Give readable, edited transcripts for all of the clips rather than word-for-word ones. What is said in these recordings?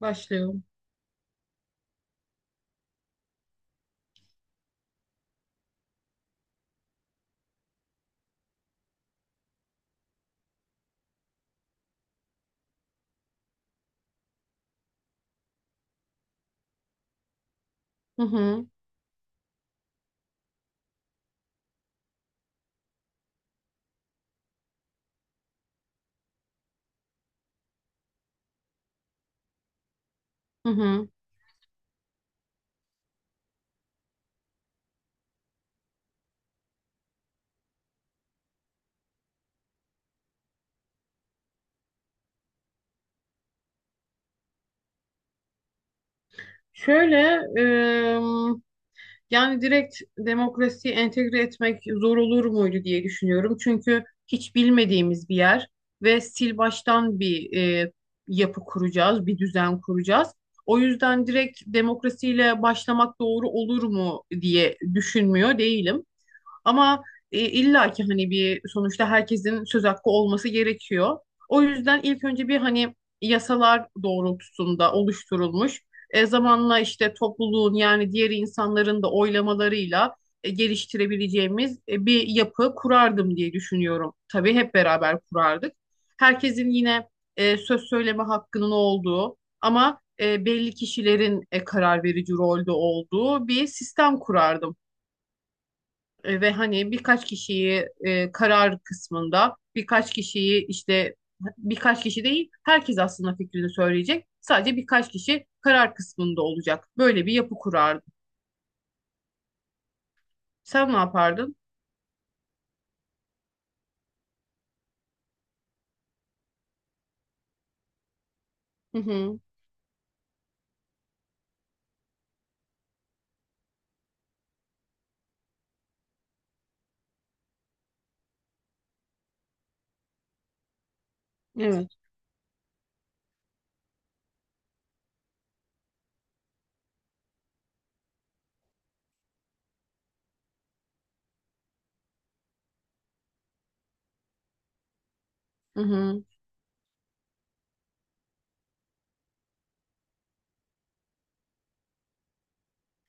Başlıyorum. Hı hı, hı hı. Şöyle, ım, Yani direkt demokrasiyi entegre etmek zor olur muydu diye düşünüyorum. Çünkü hiç bilmediğimiz bir yer ve sil baştan bir e, yapı kuracağız, bir düzen kuracağız. O yüzden direkt demokrasiyle başlamak doğru olur mu diye düşünmüyor değilim. Ama illa ki hani bir sonuçta herkesin söz hakkı olması gerekiyor. O yüzden ilk önce bir hani yasalar doğrultusunda oluşturulmuş. Zamanla işte topluluğun yani diğer insanların da oylamalarıyla geliştirebileceğimiz bir yapı kurardım diye düşünüyorum. Tabii hep beraber kurardık. Herkesin yine söz söyleme hakkının olduğu ama belli kişilerin karar verici rolde olduğu bir sistem kurardım. Ve hani birkaç kişiyi e, karar kısmında birkaç kişiyi işte birkaç kişi değil herkes aslında fikrini söyleyecek. Sadece birkaç kişi karar kısmında olacak. Böyle bir yapı kurardım. Sen ne yapardın? Hı hı. Evet. Hı hı.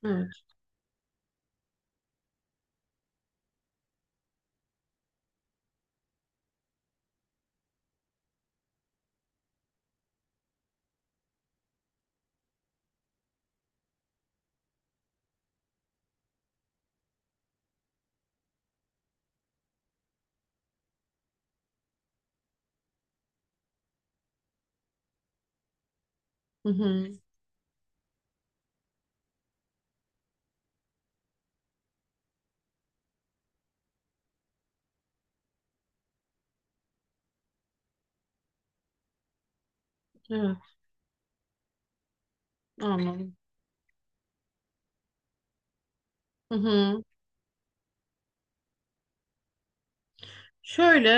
Evet. Hı hı. Evet. Anladım. Hı hı. Şöyle,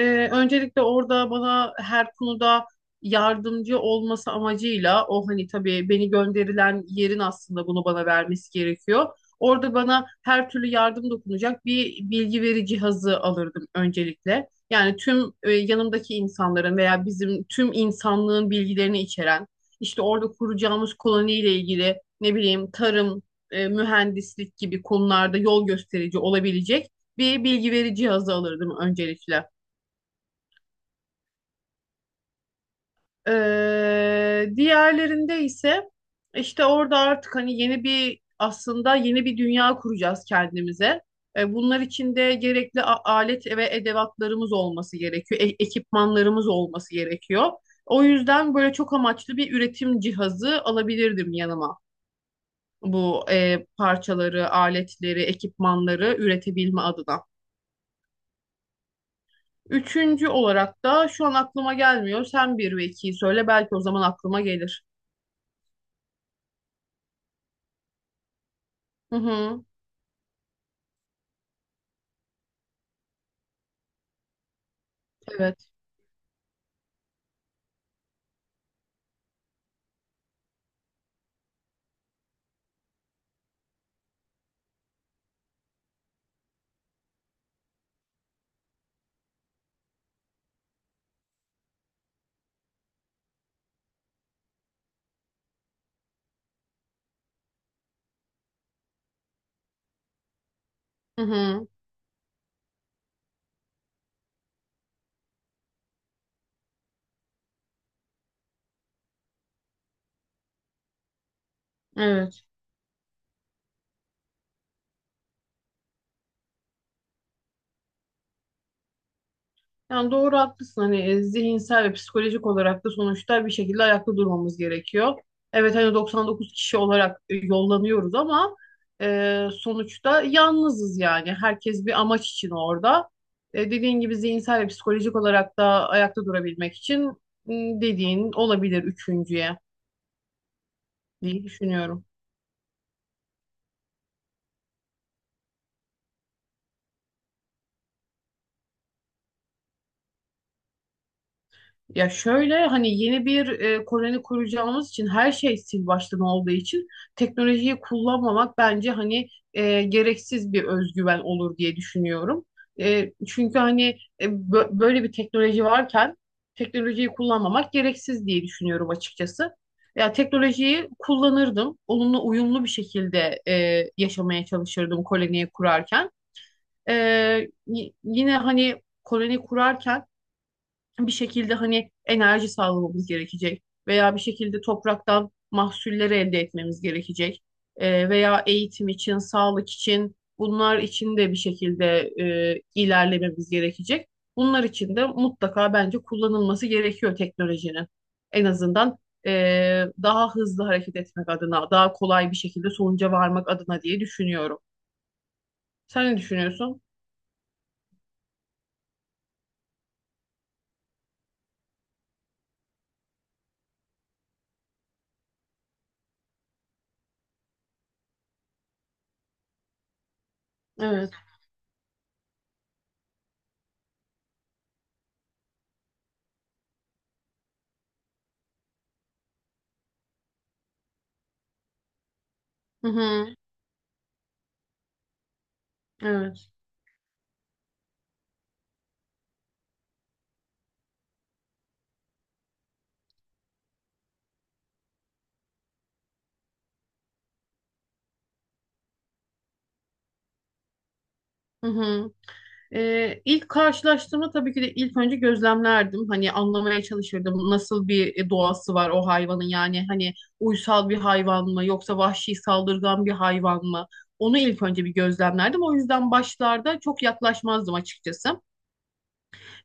Öncelikle orada bana her konuda yardımcı olması amacıyla o hani tabii beni gönderilen yerin aslında bunu bana vermesi gerekiyor. Orada bana her türlü yardım dokunacak bir bilgi veri cihazı alırdım öncelikle. Yani tüm yanımdaki insanların veya bizim tüm insanlığın bilgilerini içeren, işte orada kuracağımız koloniyle ilgili ne bileyim tarım, mühendislik gibi konularda yol gösterici olabilecek bir bilgi veri cihazı alırdım öncelikle. Diğerlerinde ise işte orada artık hani yeni bir aslında yeni bir dünya kuracağız kendimize. Bunlar için de gerekli alet ve edevatlarımız olması gerekiyor, ekipmanlarımız olması gerekiyor. O yüzden böyle çok amaçlı bir üretim cihazı alabilirdim yanıma. Bu parçaları, aletleri, ekipmanları üretebilme adına. Üçüncü olarak da şu an aklıma gelmiyor. Sen bir ve ikiyi söyle. Belki o zaman aklıma gelir. Hı hı. Evet. Hı hı. Evet. Yani doğru haklısın. Hani zihinsel ve psikolojik olarak da sonuçta bir şekilde ayakta durmamız gerekiyor. Evet hani 99 kişi olarak yollanıyoruz ama sonuçta yalnızız yani. Herkes bir amaç için orada. Dediğin gibi zihinsel ve psikolojik olarak da ayakta durabilmek için dediğin olabilir üçüncüye diye düşünüyorum. Ya şöyle hani yeni bir koloni kuracağımız için her şey sil baştan olduğu için teknolojiyi kullanmamak bence hani gereksiz bir özgüven olur diye düşünüyorum. Çünkü hani böyle bir teknoloji varken teknolojiyi kullanmamak gereksiz diye düşünüyorum açıkçası. Ya teknolojiyi kullanırdım. Onunla uyumlu bir şekilde yaşamaya çalışırdım koloniyi kurarken. E, Yine hani koloni kurarken bir şekilde hani enerji sağlamamız gerekecek veya bir şekilde topraktan mahsulleri elde etmemiz gerekecek. Veya eğitim için, sağlık için bunlar için de bir şekilde ilerlememiz gerekecek. Bunlar için de mutlaka bence kullanılması gerekiyor teknolojinin. En azından e, daha hızlı hareket etmek adına, daha kolay bir şekilde sonuca varmak adına diye düşünüyorum. Sen ne düşünüyorsun? Evet. Hı hı. Evet. Hı hı. İlk karşılaştığımda tabii ki de ilk önce gözlemlerdim. Hani anlamaya çalışırdım nasıl bir doğası var o hayvanın yani hani uysal bir hayvan mı yoksa vahşi saldırgan bir hayvan mı? Onu ilk önce bir gözlemlerdim. O yüzden başlarda çok yaklaşmazdım açıkçası.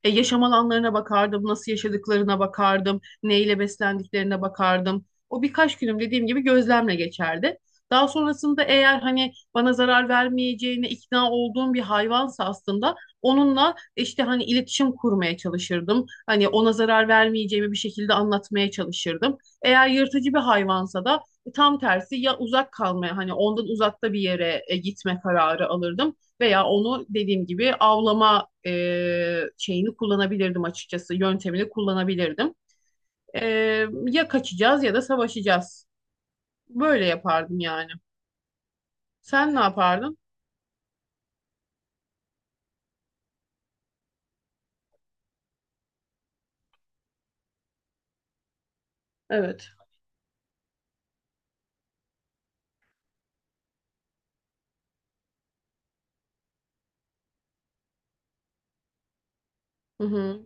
Yaşam alanlarına bakardım, nasıl yaşadıklarına bakardım, neyle beslendiklerine bakardım. O birkaç günüm dediğim gibi gözlemle geçerdi. Daha sonrasında eğer hani bana zarar vermeyeceğine ikna olduğum bir hayvansa aslında onunla işte hani iletişim kurmaya çalışırdım. Hani ona zarar vermeyeceğimi bir şekilde anlatmaya çalışırdım. Eğer yırtıcı bir hayvansa da tam tersi ya uzak kalmaya hani ondan uzakta bir yere gitme kararı alırdım veya onu dediğim gibi avlama şeyini kullanabilirdim açıkçası. Yöntemini kullanabilirdim. E, Ya kaçacağız ya da savaşacağız. Böyle yapardım yani. Sen ne yapardın? Evet. Hı hı.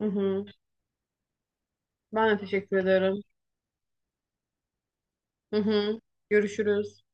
Hı hı. Ben de teşekkür ederim. Hı hı. Görüşürüz.